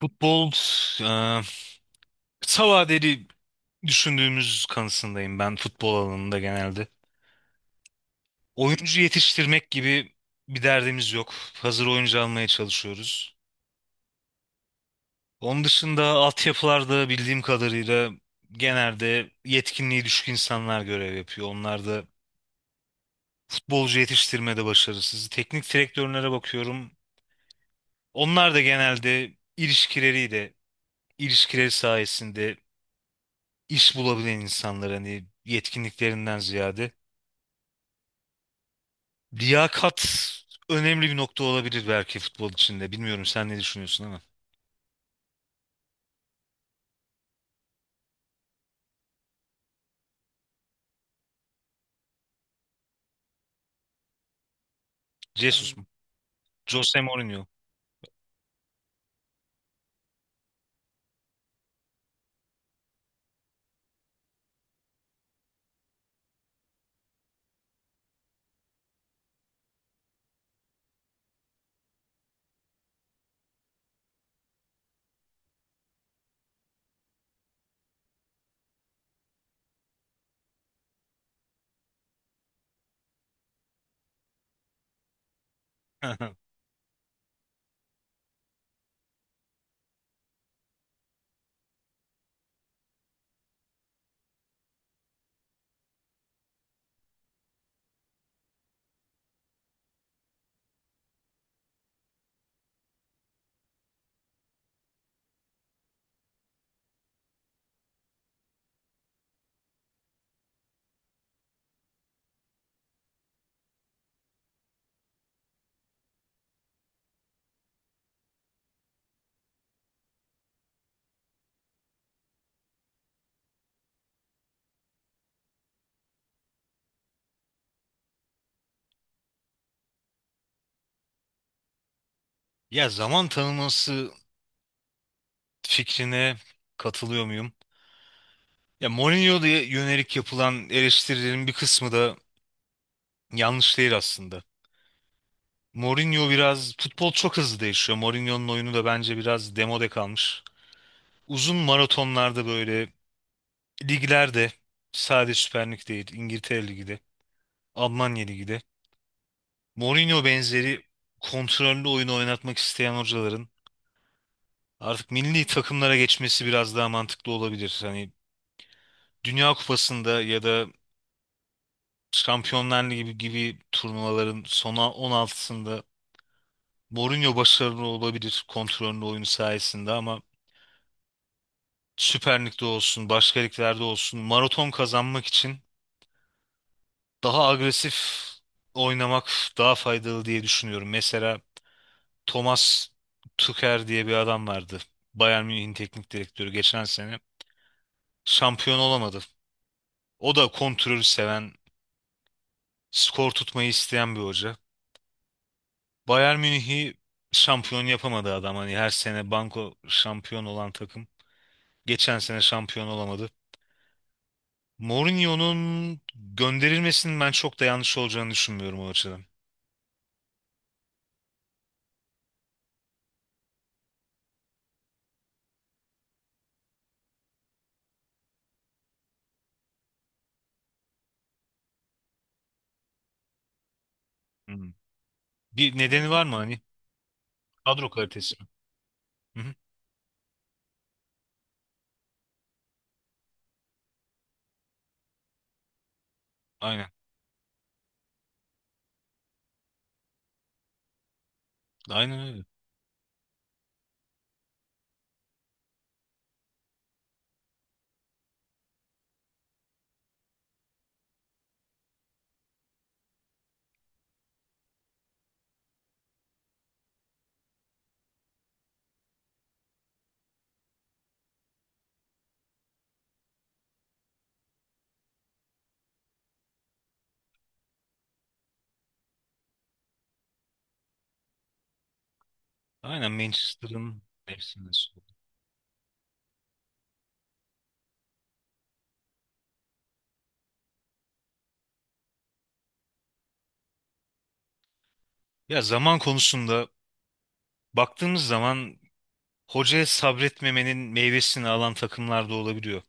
Futbol, e, kısa vadeli düşündüğümüz kanısındayım ben futbol alanında genelde. Oyuncu yetiştirmek gibi bir derdimiz yok. Hazır oyuncu almaya çalışıyoruz. Onun dışında altyapılarda bildiğim kadarıyla genelde yetkinliği düşük insanlar görev yapıyor. Onlar da futbolcu yetiştirmede başarısız. Teknik direktörlere bakıyorum. Onlar da genelde ilişkileriyle, ilişkileri sayesinde iş bulabilen insanlar hani yetkinliklerinden ziyade. Liyakat önemli bir nokta olabilir belki futbol içinde. Bilmiyorum sen ne düşünüyorsun ama. Jesus mu? Jose Mourinho. Ya zaman tanıması fikrine katılıyor muyum? Ya Mourinho'ya yönelik yapılan eleştirilerin bir kısmı da yanlış değil aslında. Mourinho biraz futbol çok hızlı değişiyor. Mourinho'nun oyunu da bence biraz demode kalmış. Uzun maratonlarda böyle liglerde sadece Süper Lig değil, İngiltere Ligi de, Almanya Ligi de Mourinho benzeri kontrollü oyun oynatmak isteyen hocaların artık milli takımlara geçmesi biraz daha mantıklı olabilir. Hani Dünya Kupası'nda ya da Şampiyonlar Ligi gibi turnuvaların sona 16'sında Mourinho başarılı olabilir kontrollü oyunu sayesinde ama Süper Lig'de olsun, başka liglerde olsun maraton kazanmak için daha agresif oynamak daha faydalı diye düşünüyorum. Mesela Thomas Tuchel diye bir adam vardı. Bayern Münih'in teknik direktörü geçen sene şampiyon olamadı. O da kontrolü seven, skor tutmayı isteyen bir hoca. Bayern Münih'i şampiyon yapamadı adam. Hani her sene banko şampiyon olan takım. Geçen sene şampiyon olamadı. Mourinho'nun gönderilmesinin ben çok da yanlış olacağını düşünmüyorum o açıdan. Hı. Bir nedeni var mı hani? Kadro kalitesi mi? Hı hı. Aynen. Aynen öyle. Aynen Manchester'ın hepsinde. Ya zaman konusunda baktığımız zaman hocaya sabretmemenin meyvesini alan takımlar da olabiliyor.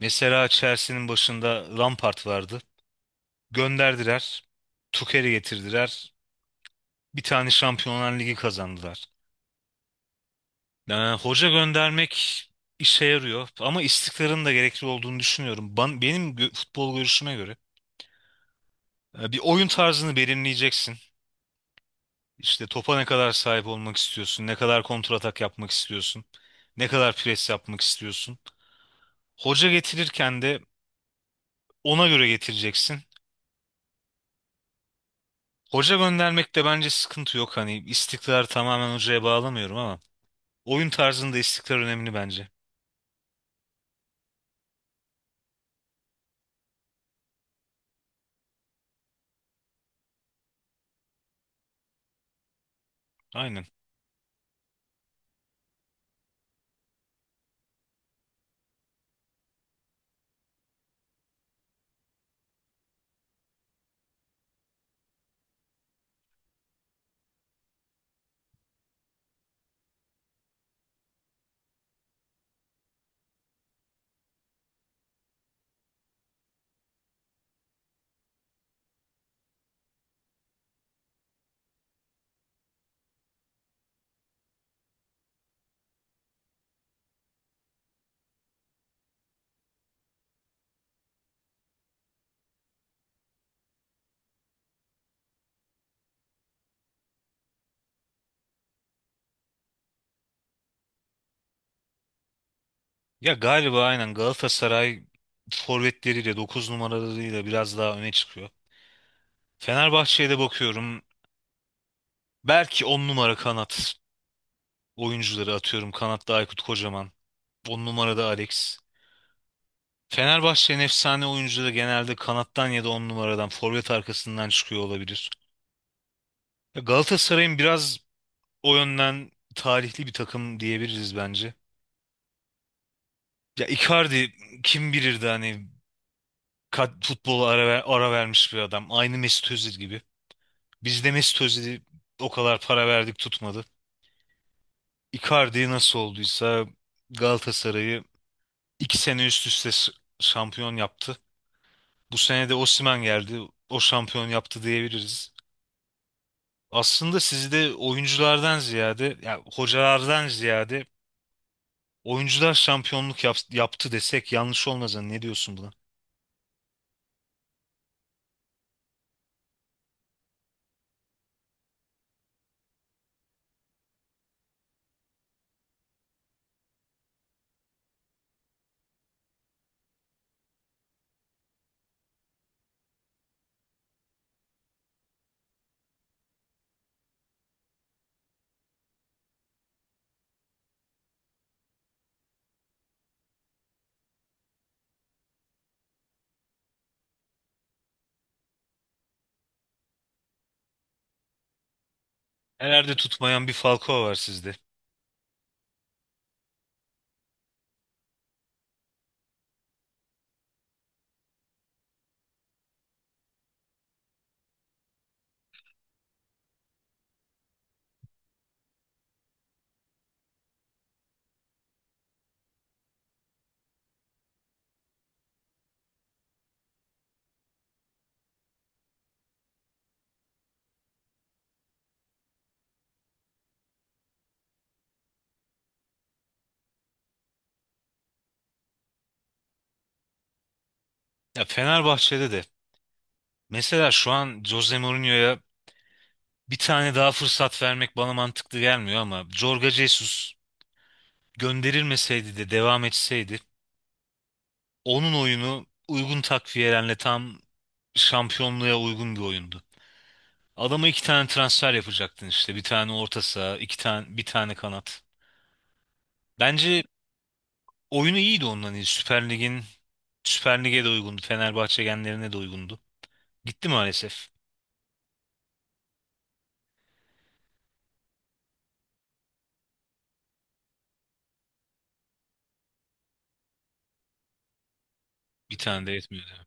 Mesela Chelsea'nin başında Lampard vardı. Gönderdiler. Tuchel'i getirdiler. Bir tane Şampiyonlar Ligi kazandılar. Yani hoca göndermek işe yarıyor ama istikrarın da gerekli olduğunu düşünüyorum. Benim futbol görüşüme göre bir oyun tarzını belirleyeceksin. İşte topa ne kadar sahip olmak istiyorsun, ne kadar kontratak yapmak istiyorsun, ne kadar pres yapmak istiyorsun. Hoca getirirken de ona göre getireceksin. Hoca göndermekte bence sıkıntı yok. Hani istikrar tamamen hocaya bağlamıyorum ama oyun tarzında istikrar önemli bence. Aynen. Ya galiba aynen Galatasaray forvetleriyle 9 numaralarıyla biraz daha öne çıkıyor. Fenerbahçe'ye de bakıyorum. Belki 10 numara kanat oyuncuları atıyorum. Kanatta Aykut Kocaman. 10 numarada Alex. Fenerbahçe'nin efsane oyuncuları genelde kanattan ya da 10 numaradan forvet arkasından çıkıyor olabilir. Ya Galatasaray'ın biraz o yönden tarihli bir takım diyebiliriz bence. Ya Icardi kim bilirdi hani futbola ara vermiş bir adam. Aynı Mesut Özil gibi. Biz de Mesut Özil'i o kadar para verdik tutmadı. Icardi nasıl olduysa Galatasaray'ı 2 sene üst üste şampiyon yaptı. Bu sene de Osimhen geldi. O şampiyon yaptı diyebiliriz. Aslında sizi de oyunculardan ziyade, ya hocalardan ziyade oyuncular şampiyonluk yaptı desek yanlış olmaz. Hani ne diyorsun buna? Nerede tutmayan bir Falcao var sizde. Ya Fenerbahçe'de de. Mesela şu an Jose Mourinho'ya bir tane daha fırsat vermek bana mantıklı gelmiyor ama Jorge Jesus gönderilmeseydi de devam etseydi onun oyunu uygun takviyelerle tam şampiyonluğa uygun bir oyundu. Adama 2 tane transfer yapacaktın işte. Bir tane orta saha, 2 tane, bir tane kanat. Bence oyunu iyiydi onların. Süper Lig'in Süper Lig'e de uygundu. Fenerbahçe genlerine de uygundu. Gitti maalesef. Bir tane de yetmiyordu.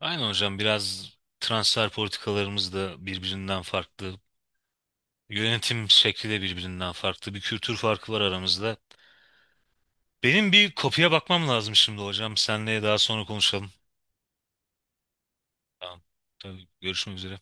Aynen hocam biraz transfer politikalarımız da birbirinden farklı. Yönetim şekli de birbirinden farklı. Bir kültür farkı var aramızda. Benim bir kopya bakmam lazım şimdi hocam. Senle daha sonra konuşalım. Tamam. Tabii, görüşmek üzere.